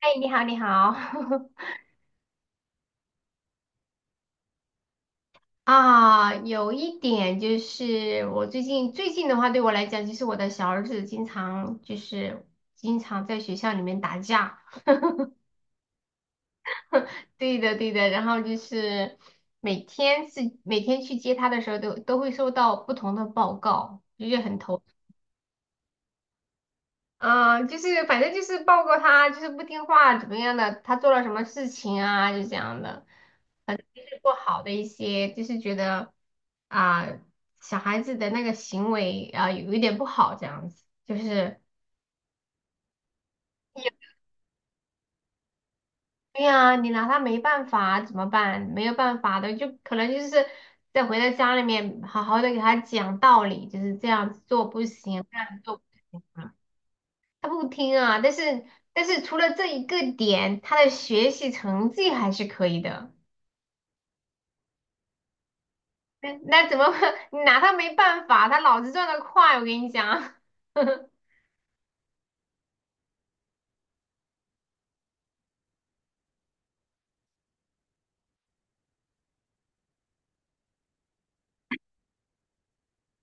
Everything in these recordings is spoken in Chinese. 哎，你好，你好。 啊，有一点就是我最近的话，对我来讲，就是我的小儿子经常在学校里面打架。对的对的，然后就是每天去接他的时候都会收到不同的报告，就是很头。啊，就是反正就是报告他就是不听话怎么样的，他做了什么事情啊，就这样的，反正就是不好的一些，就是觉得啊，小孩子的那个行为啊有一点不好这样子，就是对呀，你拿他没办法怎么办？没有办法的，就可能就是再回到家里面好好的给他讲道理，就是这样子做不行，那样子做不行。他不听啊，但是除了这一个点，他的学习成绩还是可以的。那怎么 你拿他没办法？他脑子转得快，我跟你讲。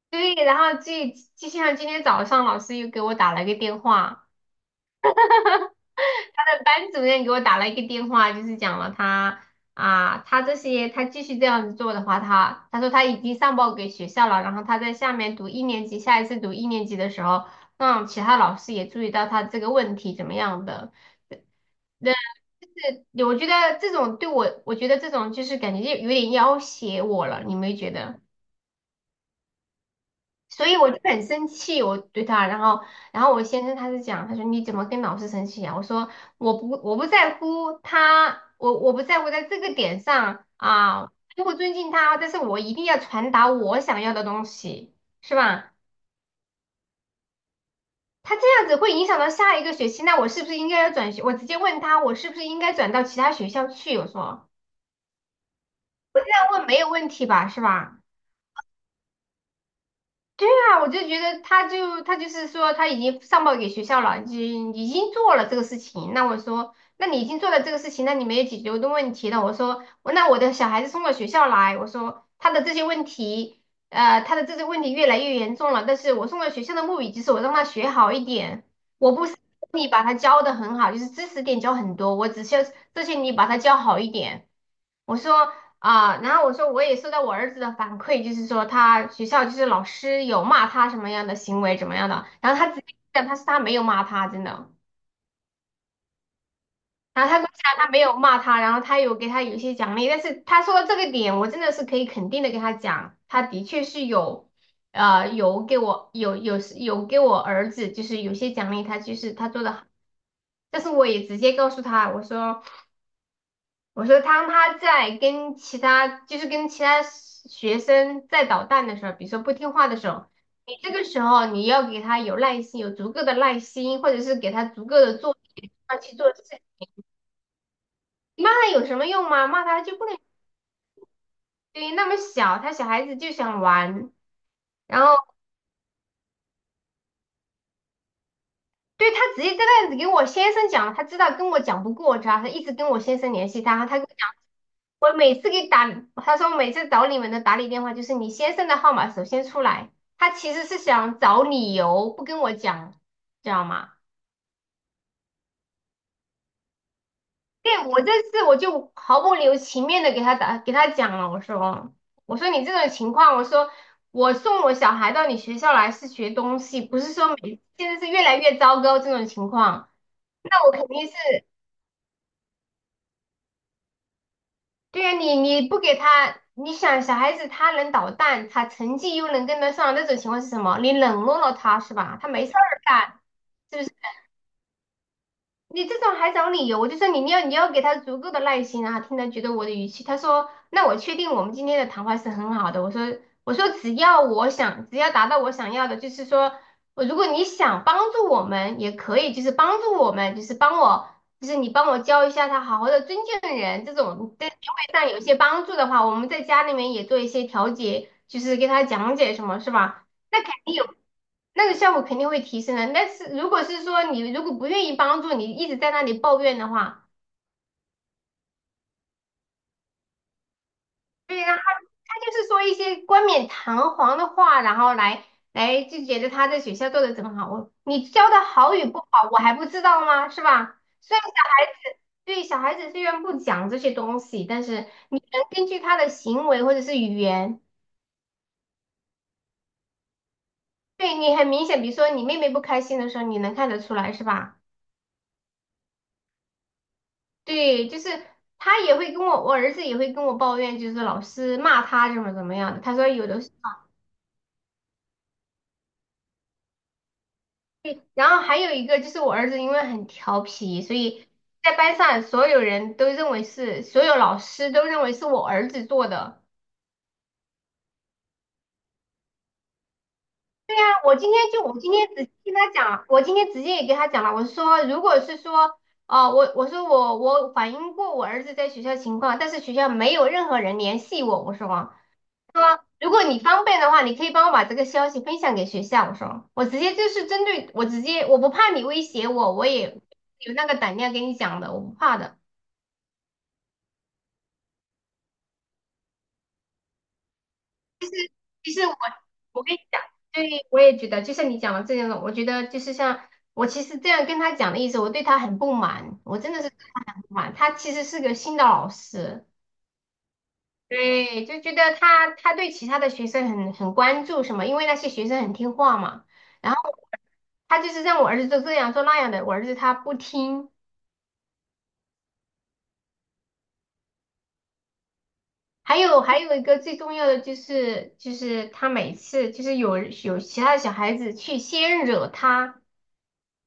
对，然后就像今天早上，老师又给我打了一个电话，那班主任给我打了一个电话，就是讲了他啊，他继续这样子做的话，他说他已经上报给学校了，然后他在下面读一年级，下一次读一年级的时候，让其他老师也注意到他这个问题怎么样的。那这我觉得这种对我，我觉得这种就是感觉就有点要挟我了，你没觉得？所以我就很生气，我对他，然后我先生他是讲，他说你怎么跟老师生气啊？我说我不在乎他，我不在乎在这个点上啊，我不尊敬他，但是我一定要传达我想要的东西，是吧？他这样子会影响到下一个学期，那我是不是应该要转学？我直接问他，我是不是应该转到其他学校去？我说那问没有问题吧，是吧？对啊，我就觉得他就是说他已经上报给学校了，已经做了这个事情。那我说，那你已经做了这个事情，那你没有解决我的问题。那我说，那我的小孩子送到学校来，我说他的这些问题越来越严重了。但是我送到学校的目的就是我让他学好一点，我不是你把他教的很好，就是知识点教很多，我只需要这些你把他教好一点。我说。啊，然后我说我也收到我儿子的反馈，就是说他学校就是老师有骂他什么样的行为怎么样的，然后他直接讲他没有骂他，真的，然后他跟我讲他没有骂他，然后他有给他有一些奖励，但是他说到这个点，我真的是可以肯定的跟他讲，他的确是有，有给我有给我儿子就是有些奖励，他就是他做的，好，但是我也直接告诉他，我说。我说当他在跟其他，就是跟其他学生在捣蛋的时候，比如说不听话的时候，你这个时候你要给他有耐心，有足够的耐心，或者是给他足够的做他去做事。你骂他有什么用吗？骂他就不能，对，那么小，他小孩子就想玩，然后对，他直接这个样子给我先生讲，他知道跟我讲不过他，他一直跟我先生联系他，他跟我讲，我每次给打，他说每次找你们的打理电话就是你先生的号码首先出来，他其实是想找理由不跟我讲，知道吗？对，我这次我就毫不留情面的给他打，给他讲了，我说你这种情况，我说我送我小孩到你学校来是学东西，不是说现在是越来越糟糕这种情况。那我肯定是，对呀，你不给他，你想小孩子他能捣蛋，他成绩又能跟得上，那种情况是什么？你冷落了他是吧？他没事儿干，你这种还找理由，我就说你要给他足够的耐心啊，听他觉得我的语气。他说，那我确定我们今天的谈话是很好的。我说只要我想，只要达到我想要的，就是说如果你想帮助我们也可以，就是帮助我们，就是帮我，就是你帮我教一下他，好好的尊敬人这种，在行为上有一些帮助的话，我们在家里面也做一些调解，就是给他讲解什么，是吧？那肯定有。那个效果肯定会提升的。但是如果是说你如果不愿意帮助，你一直在那里抱怨的话，对，让他就是说一些冠冕堂皇的话，然后来就觉得他在学校做的怎么好，我你教的好与不好，我还不知道吗？是吧？虽然小孩子对小孩子虽然不讲这些东西，但是你能根据他的行为或者是语言，对你很明显，比如说你妹妹不开心的时候，你能看得出来，是吧？对，就是他也会跟我，我儿子也会跟我抱怨，就是老师骂他怎么怎么样的。他说有的是，对，然后还有一个就是我儿子因为很调皮，所以在班上所有人都认为是，所有老师都认为是我儿子做的。那我今天就我今天直接跟他讲了我今天直接也跟他讲了，我说如果是说，哦、我说我反映过我儿子在学校情况，但是学校没有任何人联系我，我说。如果你方便的话，你可以帮我把这个消息分享给学校。我说，我直接就是针对我直接，我不怕你威胁我，我也有那个胆量跟你讲的，我不怕的。其实我跟你讲，对，我也觉得，就像你讲的这样的，我觉得就是像我其实这样跟他讲的意思，我对他很不满，我真的是对他很不满。他其实是个新的老师，对，就觉得他对其他的学生很关注什么，因为那些学生很听话嘛。然后他就是让我儿子做这样做那样的，我儿子他不听。还有一个最重要的就是，就是他每次就是有其他的小孩子去先惹他，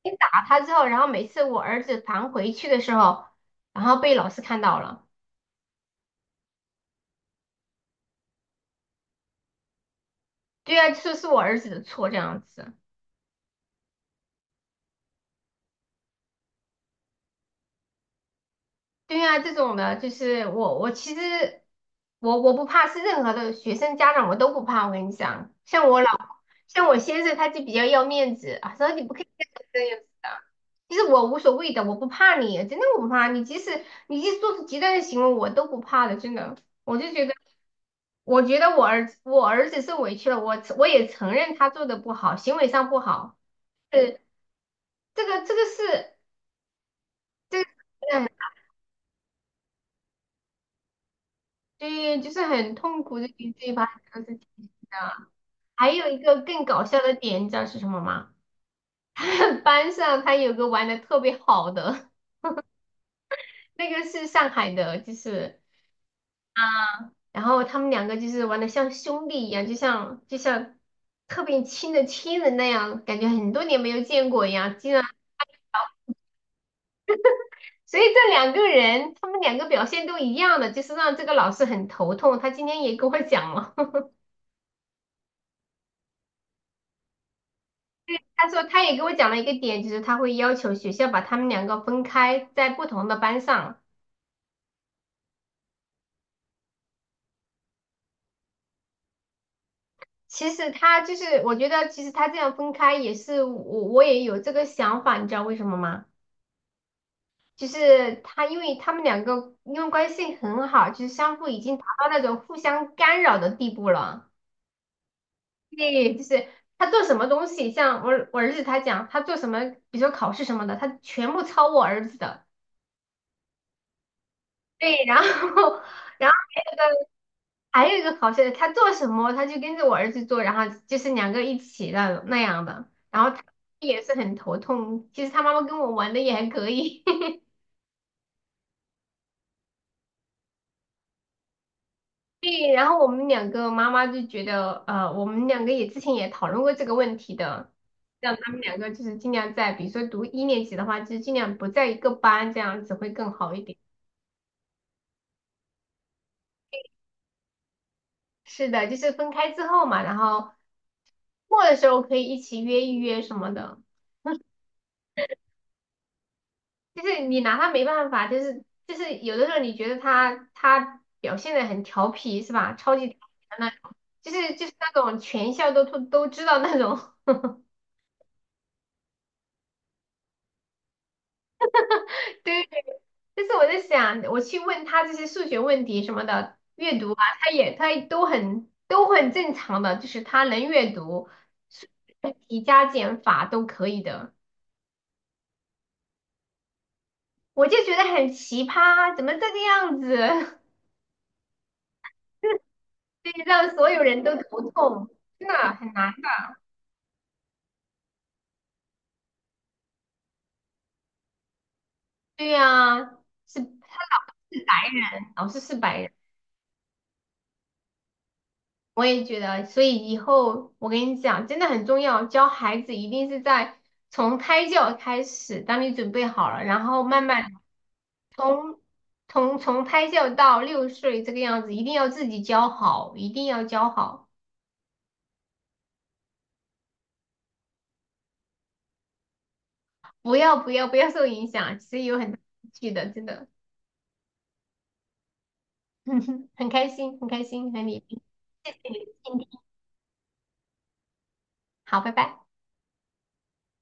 先打他之后，然后每次我儿子弹回去的时候，然后被老师看到了，对啊，是我儿子的错这样子。对啊，这种的，就是我其实我不怕，是任何的学生家长我都不怕。我跟你讲，像我先生他就比较要面子啊，说你不可以这样子的。其实我无所谓的，我不怕你，真的我不怕你。即使做出极端的行为，我都不怕的，真的。我就觉得，我觉得我儿子受委屈了，我也承认他做的不好，行为上不好。是这个这个是这个，对，就是很痛苦的给自己把这个事情的。还有一个更搞笑的点，你知道是什么吗？班上他有个玩的特别好的，那个是上海的，就是，然后他们两个就是玩的像兄弟一样，就像特别亲的亲人那样，感觉很多年没有见过一样，竟然，所以这两个人他们两个表现都一样的，就是让这个老师很头痛。他今天也跟我讲了。他说他也给我讲了一个点，就是他会要求学校把他们两个分开在不同的班上。其实他就是，我觉得其实他这样分开也是我也有这个想法，你知道为什么吗？就是他们两个因为关系很好，就是相互已经达到那种互相干扰的地步了。对，就是他做什么东西，像我儿子他讲他做什么，比如说考试什么的，他全部抄我儿子的。对，然后 然后。还有一个好笑的，他做什么他就跟着我儿子做，然后就是两个一起那种那样的，然后他也是很头痛。其实他妈妈跟我玩的也还可以，对。然后我们两个妈妈就觉得，我们两个之前也讨论过这个问题的，让他们两个就是尽量在，比如说读一年级的话，就尽量不在一个班，这样子会更好一点。是的，就是分开之后嘛，然后末的时候可以一起约一约什么的。就是你拿他没办法，就是有的时候你觉得他表现的很调皮是吧？超级调皮的那种，就是那种全校都知道那种。对对对。但是我在想，我去问他这些数学问题什么的，阅读啊，他都很正常的，就是他能阅读，数学问题加减法都可以的。我就觉得很奇葩，怎么这个样子？对，让所有人都头痛，真的很难。对呀、是是白，老师是白人，我也觉得，所以以后我跟你讲，真的很重要，教孩子一定是在从胎教开始，当你准备好了，然后慢慢从从胎教到6岁这个样子，一定要自己教好，一定要教好，不要不要不要受影响，其实有很大趣的，真的，很开心，很开心和你一起听好，拜拜。